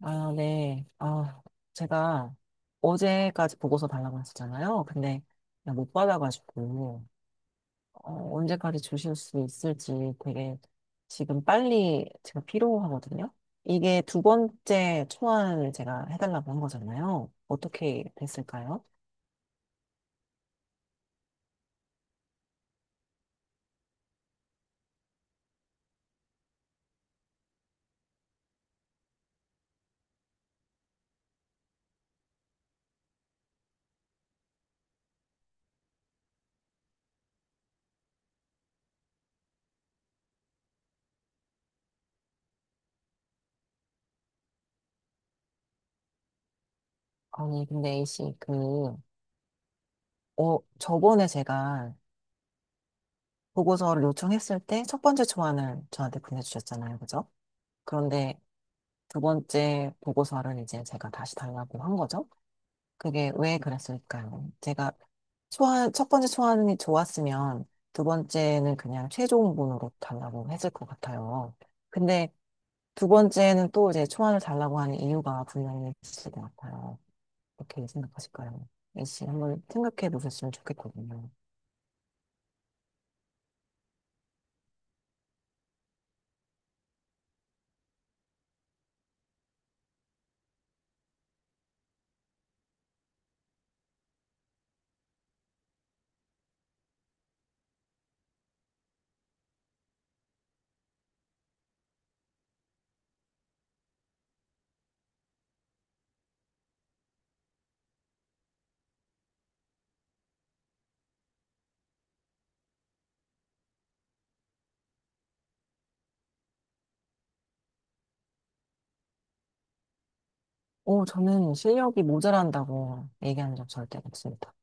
아, 네. 아, 제가 어제까지 보고서 달라고 했었잖아요. 근데 그냥 못 받아가지고, 언제까지 주실 수 있을지 되게 지금 빨리 제가 필요하거든요. 이게 두 번째 초안을 제가 해달라고 한 거잖아요. 어떻게 됐을까요? 아니, 근데 A씨, 그, 저번에 제가 보고서를 요청했을 때 첫 번째 초안을 저한테 보내주셨잖아요. 그죠? 그런데 두 번째 보고서를 이제 제가 다시 달라고 한 거죠. 그게 왜 그랬을까요? 제가 첫 번째 소환이 좋았으면 두 번째는 그냥 최종본으로 달라고 했을 것 같아요. 근데 두 번째는 또 이제 소환을 달라고 하는 이유가 분명히 있을 것 같아요. 어떻게 생각하실까요? 애씨 한번 생각해 보셨으면 좋겠거든요. 오, 저는 실력이 모자란다고 얘기한 적 절대 없습니다.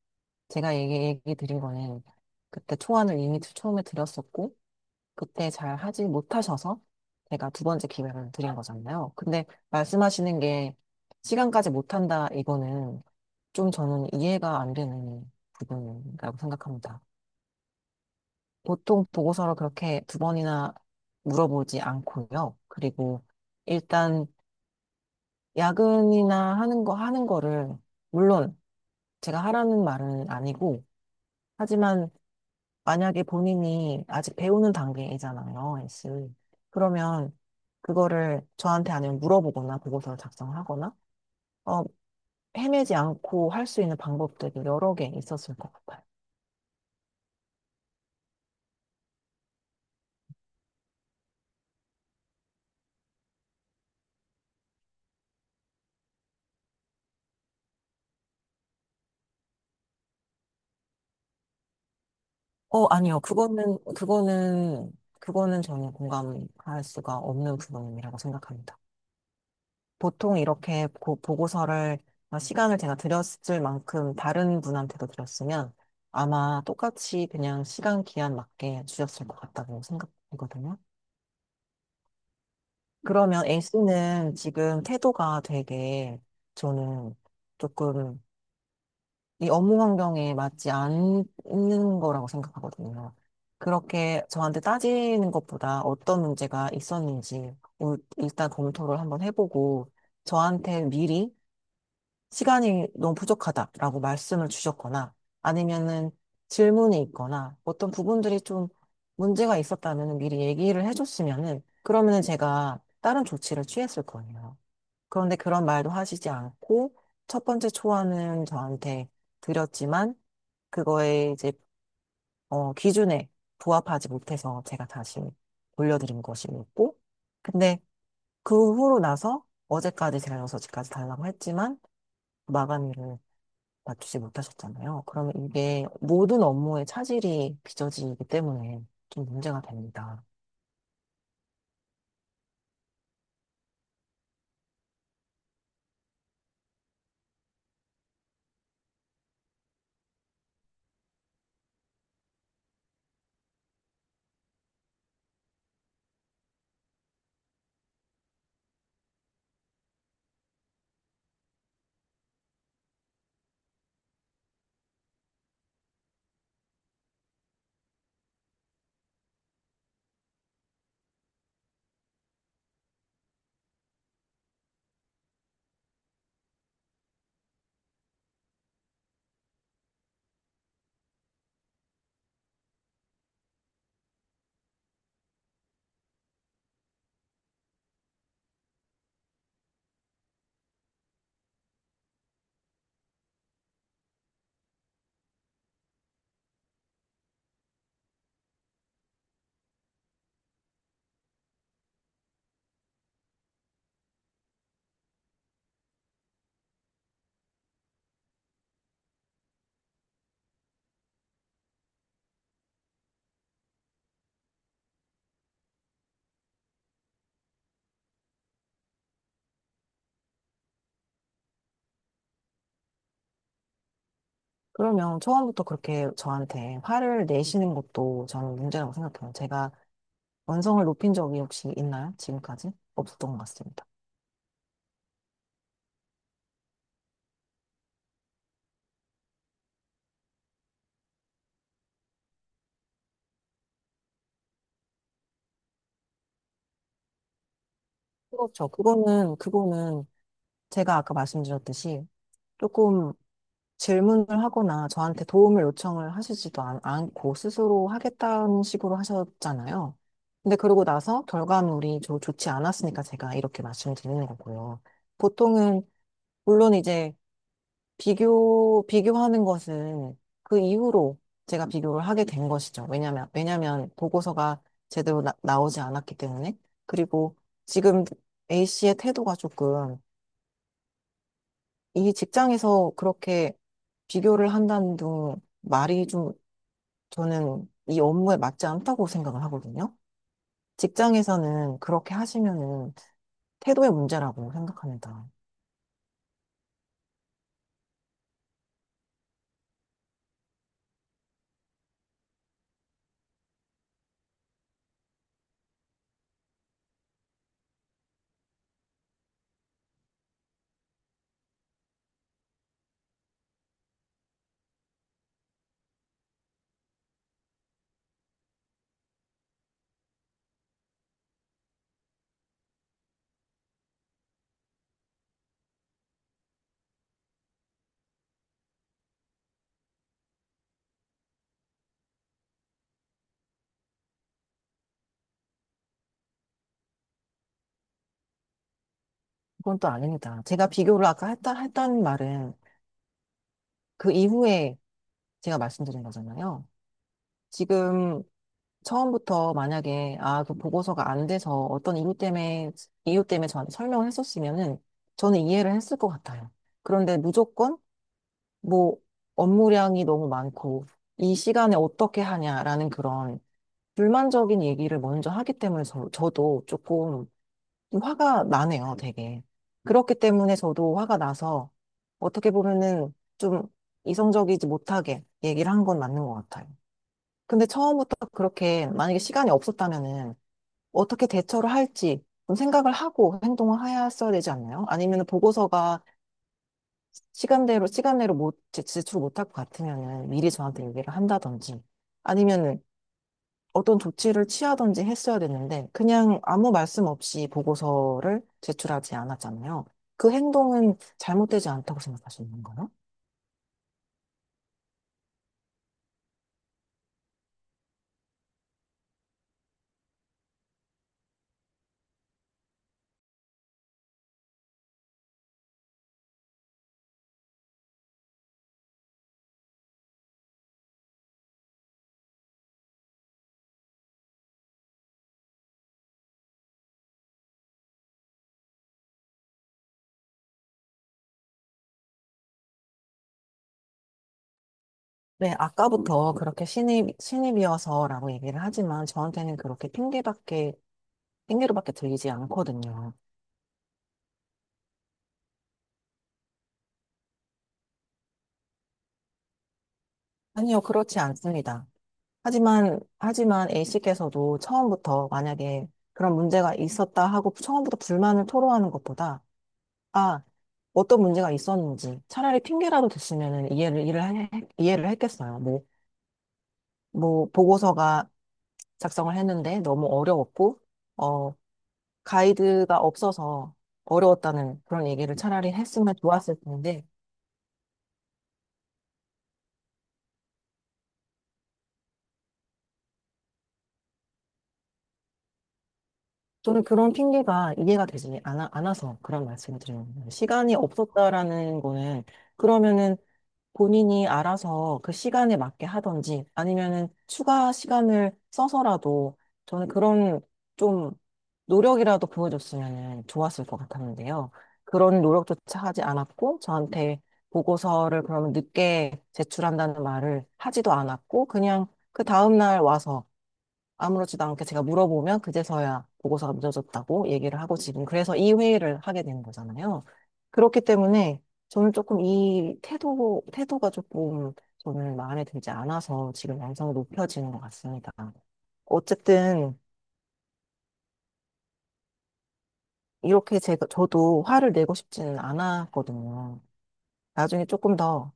제가 얘기, 얘기 드린 거는 그때 초안을 이미 처음에 드렸었고, 그때 잘 하지 못하셔서 제가 두 번째 기회를 드린 거잖아요. 근데 말씀하시는 게 시간까지 못한다 이거는 좀 저는 이해가 안 되는 부분이라고 생각합니다. 보통 보고서를 그렇게 두 번이나 물어보지 않고요. 그리고 일단 야근이나 하는 거를 물론 제가 하라는 말은 아니고 하지만 만약에 본인이 아직 배우는 단계이잖아요, S. 그러면 그거를 저한테 아니면 물어보거나 보고서를 작성하거나, 어, 헤매지 않고 할 수 있는 방법들이 여러 개 있었을 것 같아요. 아니요. 그거는 전혀 공감할 수가 없는 부분이라고 생각합니다. 보통 이렇게 보고서를, 시간을 제가 드렸을 만큼 다른 분한테도 드렸으면 아마 똑같이 그냥 시간 기한 맞게 주셨을 것 같다고 생각되거든요. 그러면 A씨는 지금 태도가 되게 저는 조금 이 업무 환경에 맞지 않는 거라고 생각하거든요. 그렇게 저한테 따지는 것보다 어떤 문제가 있었는지 일단 검토를 한번 해보고 저한테 미리 시간이 너무 부족하다라고 말씀을 주셨거나 아니면은 질문이 있거나 어떤 부분들이 좀 문제가 있었다면 미리 얘기를 해줬으면은 그러면은 제가 다른 조치를 취했을 거예요. 그런데 그런 말도 하시지 않고 첫 번째 초안은 저한테 드렸지만 그거에 이제 기준에 부합하지 못해서 제가 다시 돌려드린 것이었고 근데 그 후로 나서 어제까지 제가 6시까지 달라고 했지만 마감일을 맞추지 못하셨잖아요. 그러면 이게 모든 업무에 차질이 빚어지기 때문에 좀 문제가 됩니다. 그러면 처음부터 그렇게 저한테 화를 내시는 것도 저는 문제라고 생각해요. 제가 완성을 높인 적이 혹시 있나요? 지금까지? 없었던 것 같습니다. 그렇죠. 그거는 제가 아까 말씀드렸듯이 조금 질문을 하거나 저한테 도움을 요청을 않고 스스로 하겠다는 식으로 하셨잖아요. 근데 그러고 나서 결과물이 좋지 않았으니까 제가 이렇게 말씀드리는 거고요. 보통은, 물론 이제 비교하는 것은 그 이후로 제가 비교를 하게 된 것이죠. 왜냐면 보고서가 제대로 나오지 않았기 때문에. 그리고 지금 A씨의 태도가 조금 이 직장에서 그렇게 비교를 한다는 둥 말이 좀 저는 이 업무에 맞지 않다고 생각을 하거든요. 직장에서는 그렇게 하시면은 태도의 문제라고 생각합니다. 그건 또 아닙니다. 제가 비교를 아까 했다는 말은 그 이후에 제가 말씀드린 거잖아요. 지금 처음부터 만약에 아, 그 보고서가 안 돼서 어떤 이유 때문에 이유 때문에 저한테 설명을 했었으면은 저는 이해를 했을 것 같아요. 그런데 무조건 뭐 업무량이 너무 많고 이 시간에 어떻게 하냐라는 그런 불만적인 얘기를 먼저 하기 때문에 저도 조금 좀 화가 나네요, 되게. 그렇기 때문에 저도 화가 나서 어떻게 보면은 좀 이성적이지 못하게 얘기를 한 건 맞는 것 같아요. 근데 처음부터 그렇게 만약에 시간이 없었다면은 어떻게 대처를 할지 좀 생각을 하고 행동을 하였어야 되지 않나요? 아니면 보고서가 시간대로 못 제- 제출 못할 것 같으면은 미리 저한테 얘기를 한다든지 아니면은 어떤 조치를 취하든지 했어야 됐는데 그냥 아무 말씀 없이 보고서를 제출하지 않았잖아요. 그 행동은 잘못되지 않다고 생각하시는 건가요? 네, 아까부터 그렇게 신입이어서라고 얘기를 하지만 저한테는 그렇게 핑계밖에 핑계로밖에 들리지 않거든요. 아니요, 그렇지 않습니다. 하지만 A씨께서도 처음부터 만약에 그런 문제가 있었다 하고 처음부터 불만을 토로하는 것보다, 아, 어떤 문제가 있었는지 차라리 핑계라도 됐으면 이해를, 이해를, 하- 이해를 했겠어요. 뭐, 보고서가 작성을 했는데 너무 어려웠고, 어, 가이드가 없어서 어려웠다는 그런 얘기를 차라리 했으면 좋았을 텐데, 저는 그런 핑계가 이해가 않아서 그런 말씀을 드리는 거예요. 시간이 없었다라는 거는 그러면은 본인이 알아서 그 시간에 맞게 하든지 아니면은 추가 시간을 써서라도 저는 그런 좀 노력이라도 보여줬으면은 좋았을 것 같았는데요. 그런 노력조차 하지 않았고 저한테 보고서를 그러면 늦게 제출한다는 말을 하지도 않았고 그냥 그 다음날 와서 아무렇지도 않게 제가 물어보면 그제서야 보고서가 늦어졌다고 얘기를 하고 지금 그래서 이 회의를 하게 되는 거잖아요. 그렇기 때문에 저는 조금 이 태도가 조금 저는 마음에 들지 않아서 지금 양성이 높여지는 것 같습니다. 어쨌든 이렇게 저도 화를 내고 싶지는 않았거든요. 나중에 조금 더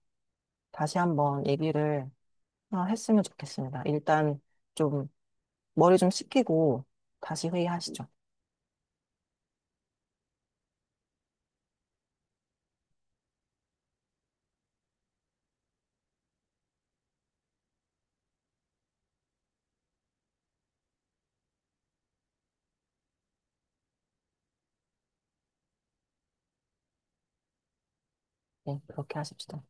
다시 한번 얘기를 했으면 좋겠습니다. 일단 좀 머리 좀 식히고 다시 회의하시죠. 네, 그렇게 하십시오.